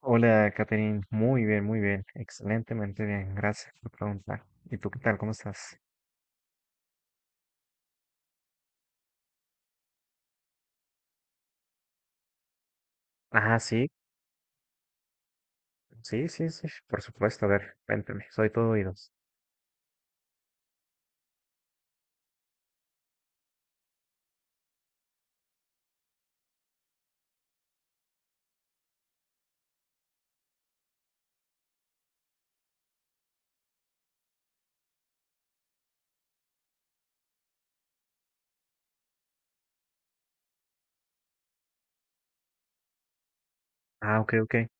Hola, Catherine. Muy bien, muy bien. Excelentemente bien. Gracias por preguntar. ¿Y tú qué tal? ¿Cómo estás? Ah, sí, sí, sí, sí. Por supuesto. A ver, cuéntame. Soy todo oídos. Ah, ok, ok.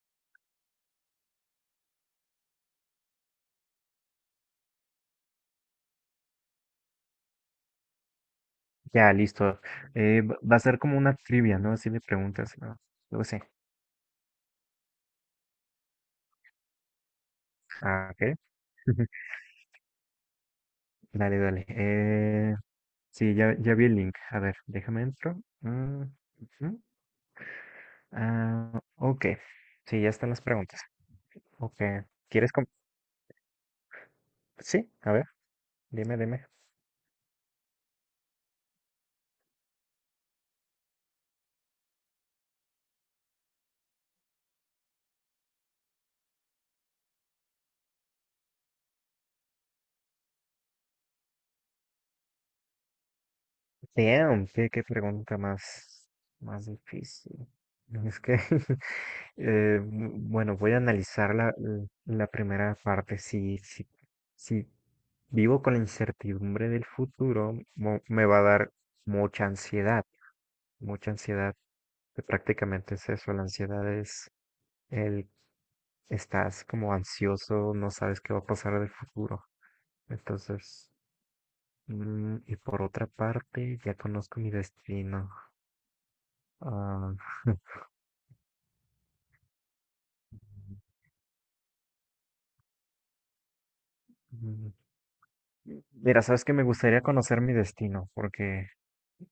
Ya, listo. Va a ser como una trivia, ¿no? Así de preguntas. ¿No? Luego sí. Ah, ok. Dale, dale. Sí, ya vi el link. A ver, déjame entro. Mm, ujú. Ah, ok. Sí, ya están las preguntas. Ok. ¿Quieres? Sí, a ver, dime, dime. Damn, qué pregunta más, más difícil. Es que, bueno, voy a analizar la primera parte. Si, si vivo con la incertidumbre del futuro, me va a dar mucha ansiedad, mucha ansiedad. Que prácticamente es eso, la ansiedad es el, estás como ansioso, no sabes qué va a pasar del futuro. Entonces, y por otra parte, ya conozco mi destino. Ah. Mm. Mira, sabes que me gustaría conocer mi destino, porque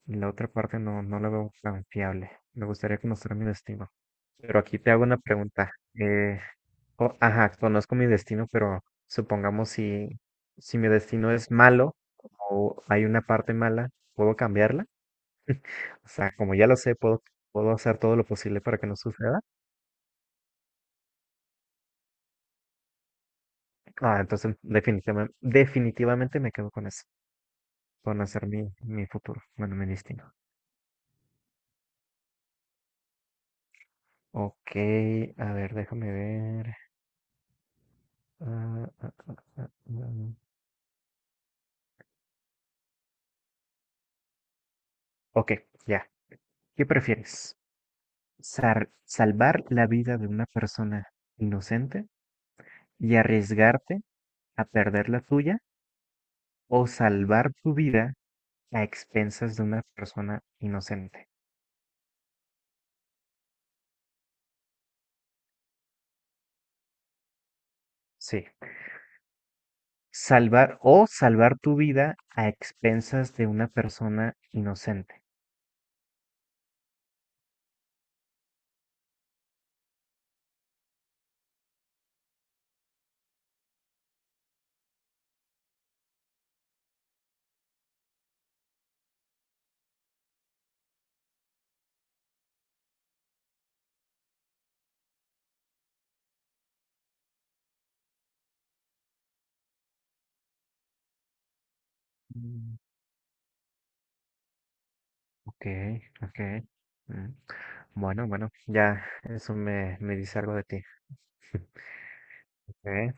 la otra parte no, no la veo tan fiable. Me gustaría conocer mi destino. Pero aquí te hago una pregunta. Ajá, conozco mi destino, pero supongamos si mi destino es malo o hay una parte mala, ¿puedo cambiarla? O sea, como ya lo sé, puedo, puedo hacer todo lo posible para que no suceda. Ah, entonces definitivamente, definitivamente me quedo con eso, con hacer mi, mi futuro, bueno, mi destino. Ok, a ver, déjame ver. Ah, ah, ah, ah, ah. Ok, ya. ¿Qué prefieres? ¿Salvar la vida de una persona inocente y arriesgarte a perder la tuya o salvar tu vida a expensas de una persona inocente? Sí. Salvar o salvar tu vida a expensas de una persona inocente. Mm. Ok, ok. Mm. Bueno, bueno, ya eso me, me dice algo de ti. Ok.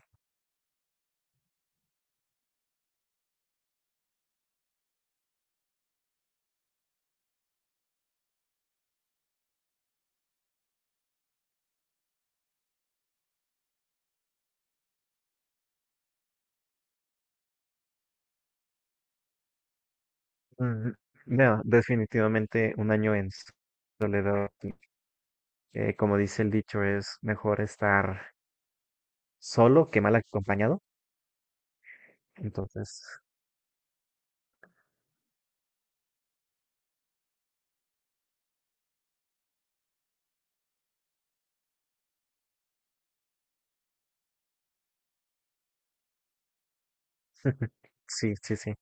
Mm. No, definitivamente un año en soledad. Eh, como dice el dicho, es mejor estar solo que mal acompañado. Entonces, sí, sí, sí.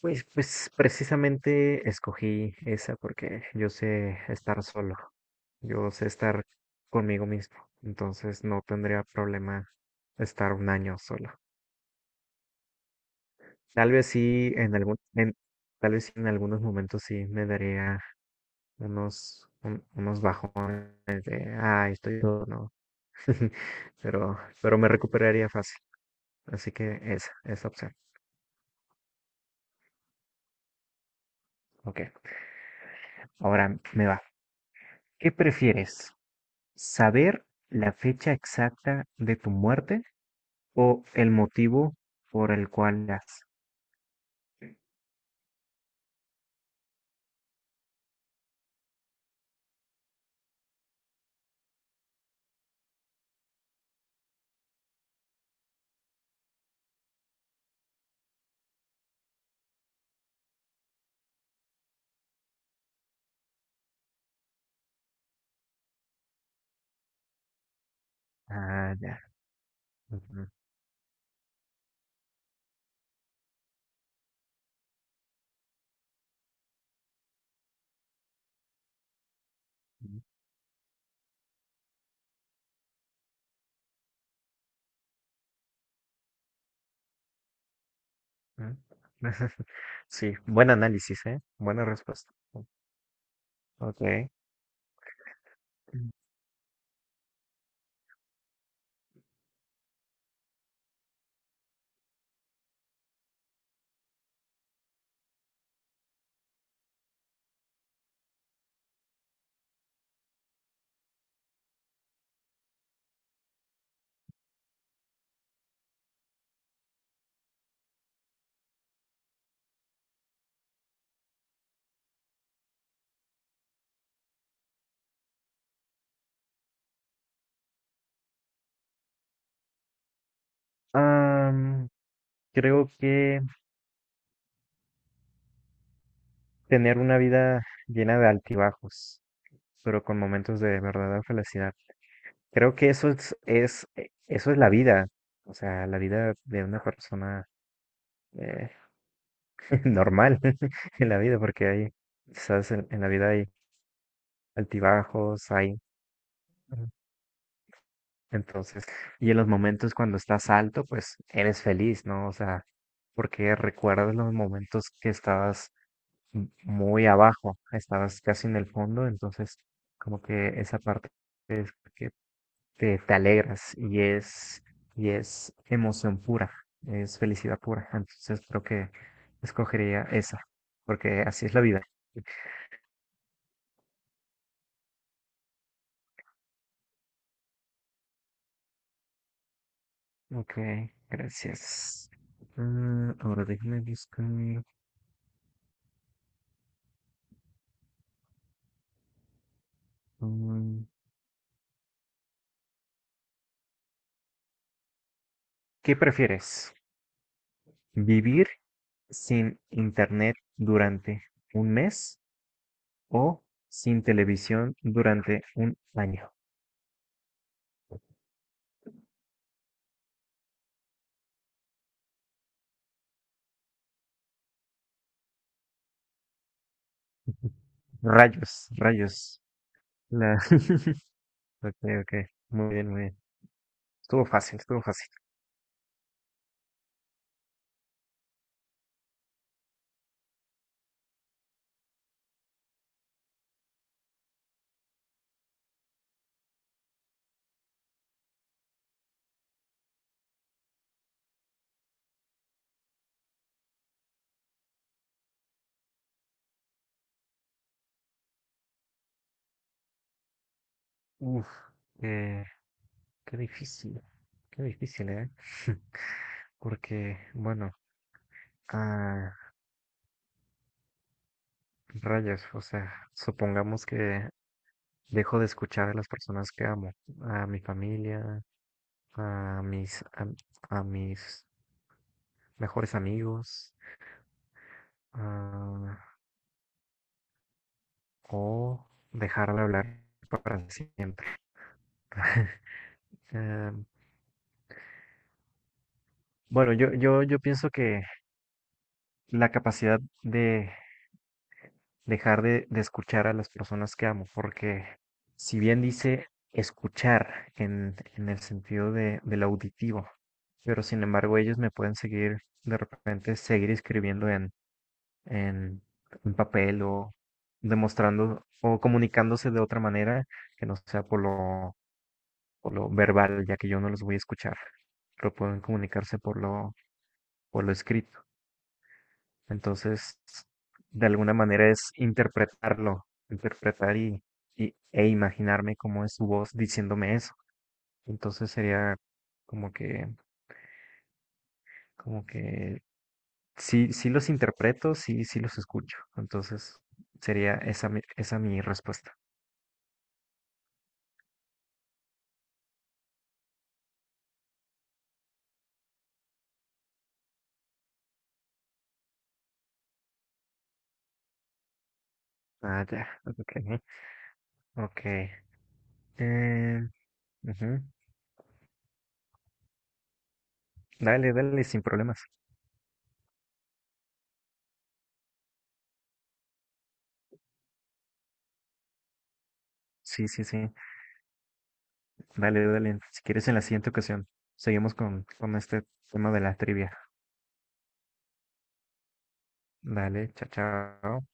Pues, pues precisamente escogí esa porque yo sé estar solo. Yo sé estar conmigo mismo. Entonces no tendría problema estar un año solo. Tal vez sí en tal vez sí en algunos momentos sí me daría unos bajones de, ay, estoy todo, no, pero me recuperaría fácil. Así que esa opción. Ok, ahora me va. ¿Qué prefieres? ¿Saber la fecha exacta de tu muerte o el motivo por el cual las... Ah, ya. ujú, ujú, ujú. Sí, buen análisis, ¿eh? Buena respuesta. Ok. Am, Creo que tener una vida llena de altibajos, pero con momentos de verdadera felicidad. Creo que eso es, eso es la vida, o sea, la vida de una persona eh, normal en la vida, porque hay, quizás en la vida hay altibajos, hay... Ujú. Entonces, y en los momentos cuando estás alto, pues eres feliz, ¿no? O sea, porque recuerdas los momentos que estabas muy abajo, estabas casi en el fondo, entonces como que esa parte es que te alegras y es emoción pura, es felicidad pura. Entonces creo que escogería esa, porque así es la vida. Ok, gracias. Mm, ahora déjame buscar. mm, ¿Qué prefieres? ¿Vivir sin internet durante un mes? O sin televisión durante un año. Rayos, rayos. La... Ok, ok. Muy bien, muy bien. Estuvo fácil, estuvo fácil. Uf, eh, qué difícil, qué difícil, ¿eh? Porque, bueno, ah, rayos, o sea, supongamos que dejo de escuchar a las personas que amo, a mi familia, a mis, a, a mis mejores amigos, a o dejar de hablar para siempre. Eh, bueno, yo pienso que la capacidad de de escuchar a las personas que amo, porque si bien dice escuchar en el sentido de, del auditivo, pero sin embargo ellos me pueden seguir, de repente, seguir escribiendo en, en papel o demostrando o comunicándose de otra manera que no sea por lo verbal, ya que yo no los voy a escuchar, pero pueden comunicarse por por lo escrito. Entonces, de alguna manera es interpretarlo, interpretar e imaginarme cómo es su voz diciéndome eso. Entonces sería como que, como que sí, sí los interpreto, sí, sí los escucho. Entonces sería esa mi respuesta. Ah, ya, ok, ok. Eh, ujú. Dale, dale, sin problemas. Sí, sí, sí. Dale, dale. Si quieres, en la siguiente ocasión seguimos con este tema de la trivia. Dale, chao, chao.